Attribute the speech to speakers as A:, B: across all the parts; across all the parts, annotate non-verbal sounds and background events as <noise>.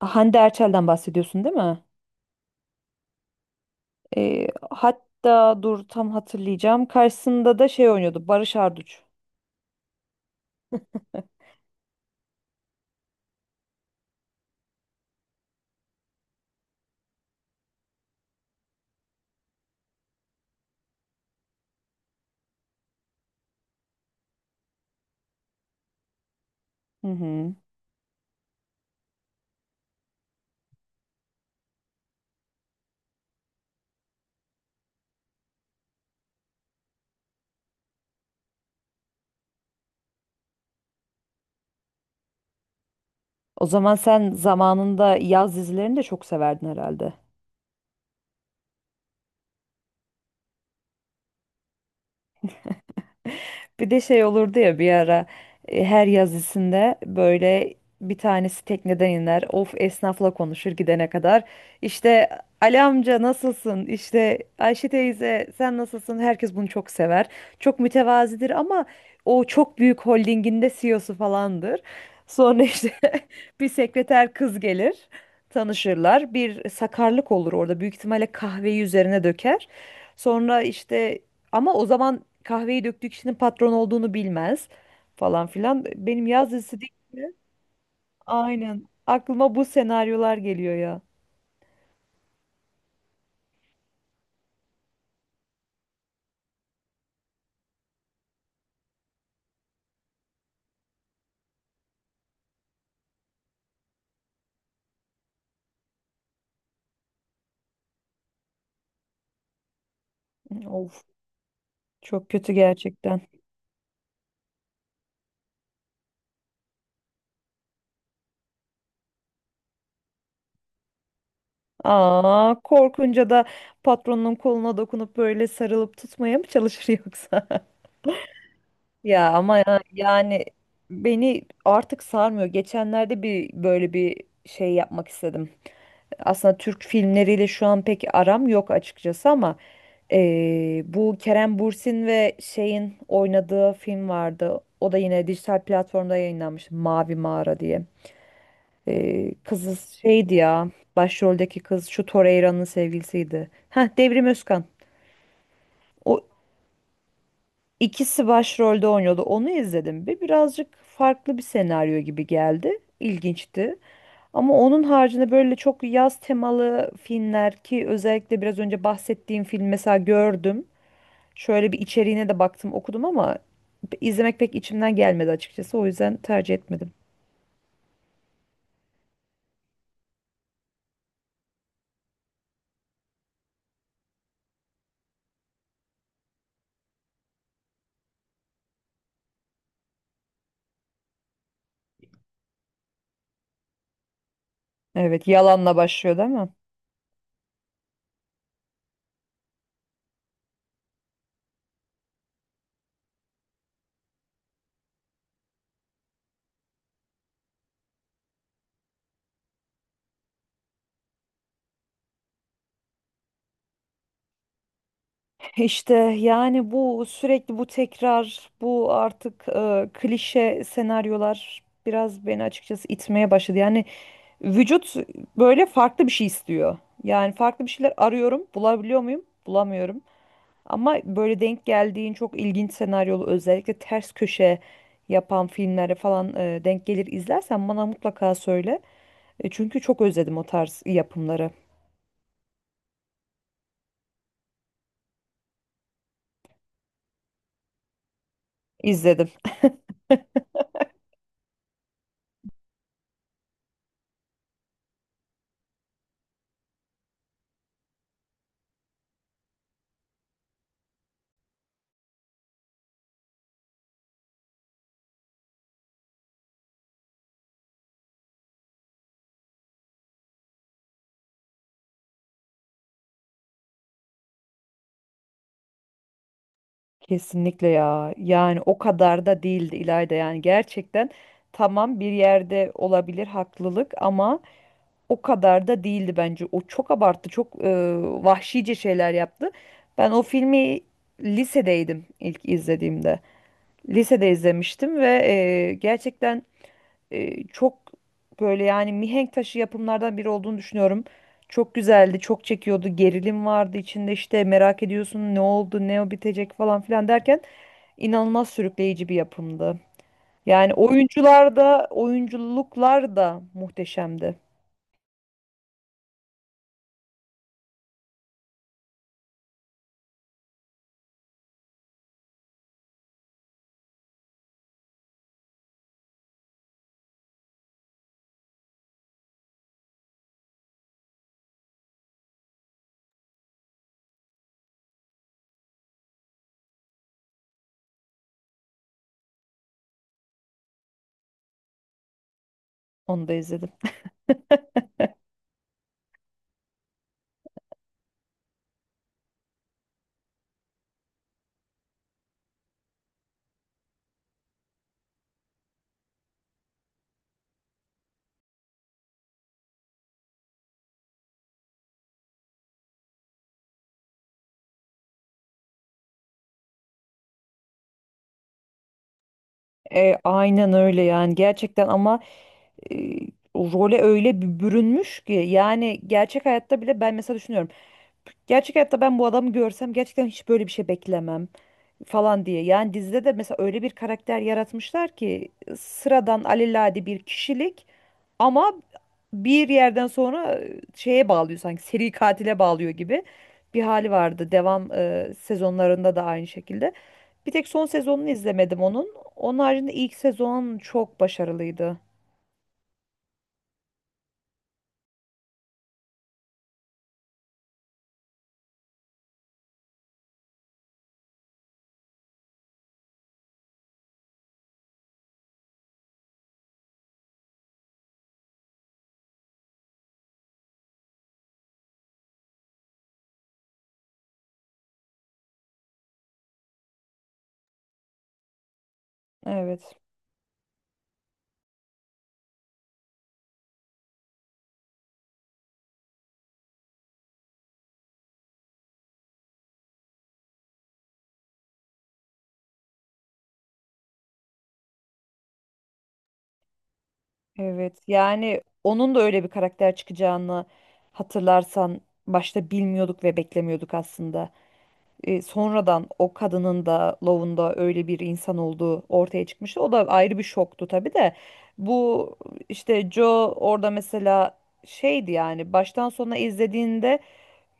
A: Ah, Hande Erçel'den bahsediyorsun değil mi? Hatta dur tam hatırlayacağım. Karşısında da şey oynuyordu. Barış Arduç. <laughs> Hı hı. O zaman sen zamanında yaz dizilerini de çok severdin herhalde. Bir de şey olurdu ya bir ara her yazısında böyle bir tanesi tekneden iner. Of, esnafla konuşur gidene kadar. İşte Ali amca nasılsın? İşte Ayşe teyze sen nasılsın? Herkes bunu çok sever. Çok mütevazidir ama o çok büyük holdinginde CEO'su falandır. Sonra işte <laughs> bir sekreter kız gelir. Tanışırlar. Bir sakarlık olur orada. Büyük ihtimalle kahveyi üzerine döker. Sonra işte ama o zaman kahveyi döktüğü kişinin patron olduğunu bilmez falan filan. Benim yaz dizisi değil. Aynen. Aklıma bu senaryolar geliyor ya. Of, çok kötü gerçekten. Aa, korkunca da patronun koluna dokunup böyle sarılıp tutmaya mı çalışır <laughs> yoksa? Ya ama yani beni artık sarmıyor. Geçenlerde bir böyle bir şey yapmak istedim. Aslında Türk filmleriyle şu an pek aram yok açıkçası ama bu Kerem Bürsin ve şeyin oynadığı film vardı. O da yine dijital platformda yayınlanmış. Mavi Mağara diye. Kızı şeydi ya. Başroldeki kız şu Torreira'nın sevgilisiydi. Heh, Devrim Özkan. O İkisi başrolde oynuyordu. Onu izledim ve birazcık farklı bir senaryo gibi geldi. İlginçti. Ama onun haricinde böyle çok yaz temalı filmler ki özellikle biraz önce bahsettiğim film mesela gördüm. Şöyle bir içeriğine de baktım, okudum ama izlemek pek içimden gelmedi açıkçası. O yüzden tercih etmedim. Evet, yalanla başlıyor değil mi? İşte yani bu sürekli bu tekrar, bu artık klişe senaryolar biraz beni açıkçası itmeye başladı. Yani vücut böyle farklı bir şey istiyor. Yani farklı bir şeyler arıyorum, bulabiliyor muyum? Bulamıyorum. Ama böyle denk geldiğin çok ilginç senaryolu özellikle ters köşe yapan filmlere falan denk gelir izlersen bana mutlaka söyle. Çünkü çok özledim o tarz yapımları. İzledim. Kesinlikle ya. Yani o kadar da değildi İlayda. Yani gerçekten tamam bir yerde olabilir haklılık ama o kadar da değildi bence. O çok abarttı, çok vahşice şeyler yaptı. Ben o filmi lisedeydim ilk izlediğimde. Lisede izlemiştim ve gerçekten çok böyle yani mihenk taşı yapımlardan biri olduğunu düşünüyorum. Çok güzeldi, çok çekiyordu, gerilim vardı içinde işte merak ediyorsun ne oldu, ne bitecek falan filan derken inanılmaz sürükleyici bir yapımdı. Yani oyuncular da, oyunculuklar da muhteşemdi. Onu da izledim. <laughs> Aynen öyle yani gerçekten ama e, o role öyle bir bürünmüş ki yani gerçek hayatta bile ben mesela düşünüyorum. Gerçek hayatta ben bu adamı görsem gerçekten hiç böyle bir şey beklemem falan diye. Yani dizide de mesela öyle bir karakter yaratmışlar ki sıradan alelade bir kişilik ama bir yerden sonra şeye bağlıyor, sanki seri katile bağlıyor gibi bir hali vardı. Devam sezonlarında da aynı şekilde. Bir tek son sezonunu izlemedim onun. Onun haricinde ilk sezon çok başarılıydı. Evet. Evet. Yani onun da öyle bir karakter çıkacağını hatırlarsan başta bilmiyorduk ve beklemiyorduk aslında. Sonradan o kadının da, Love'un da öyle bir insan olduğu ortaya çıkmıştı. O da ayrı bir şoktu tabii de. Bu işte Joe orada mesela şeydi yani baştan sona izlediğinde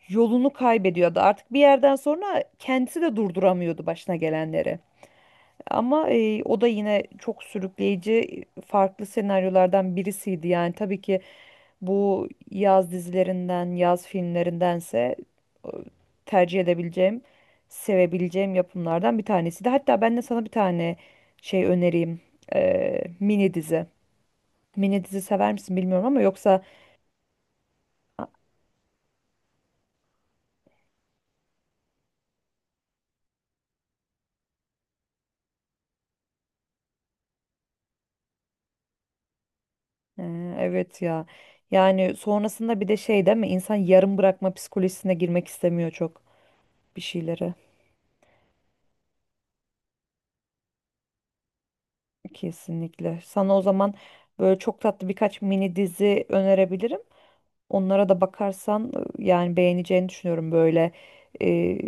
A: yolunu kaybediyordu. Artık bir yerden sonra kendisi de durduramıyordu başına gelenleri. Ama o da yine çok sürükleyici farklı senaryolardan birisiydi. Yani tabii ki bu yaz dizilerinden, yaz filmlerindense e, tercih edebileceğim, sevebileceğim yapımlardan bir tanesiydi. Hatta ben de sana bir tane şey önereyim. E, mini dizi. Mini dizi sever misin bilmiyorum ama yoksa... Evet ya. Yani sonrasında bir de şey değil mi? İnsan yarım bırakma psikolojisine girmek istemiyor çok bir şeyleri. Kesinlikle. Sana o zaman böyle çok tatlı birkaç mini dizi önerebilirim. Onlara da bakarsan yani beğeneceğini düşünüyorum böyle. e,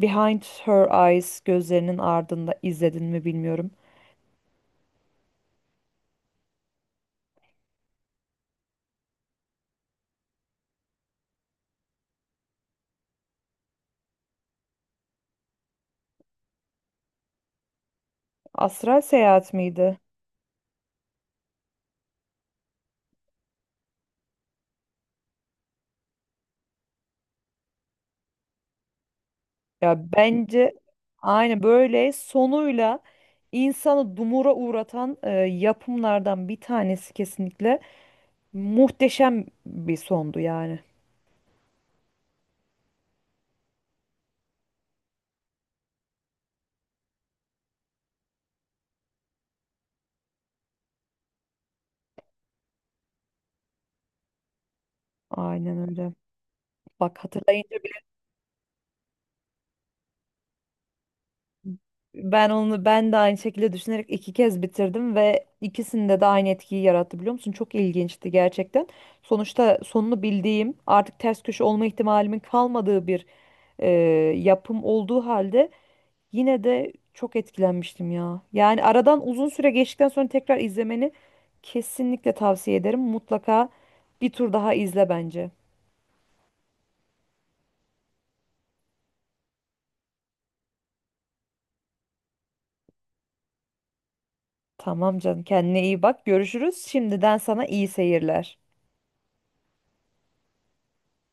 A: Behind Her Eyes, gözlerinin ardında, izledin mi bilmiyorum. Astral Seyahat miydi? Ya bence aynı böyle sonuyla insanı dumura uğratan yapımlardan bir tanesi, kesinlikle muhteşem bir sondu yani. Aynen öyle. Bak hatırlayın. Ben onu ben de aynı şekilde düşünerek iki kez bitirdim ve ikisinde de aynı etkiyi yarattı biliyor musun? Çok ilginçti gerçekten. Sonuçta sonunu bildiğim, artık ters köşe olma ihtimalimin kalmadığı bir e, yapım olduğu halde yine de çok etkilenmiştim ya. Yani aradan uzun süre geçtikten sonra tekrar izlemeni kesinlikle tavsiye ederim. Mutlaka bir tur daha izle bence. Tamam canım, kendine iyi bak. Görüşürüz. Şimdiden sana iyi seyirler.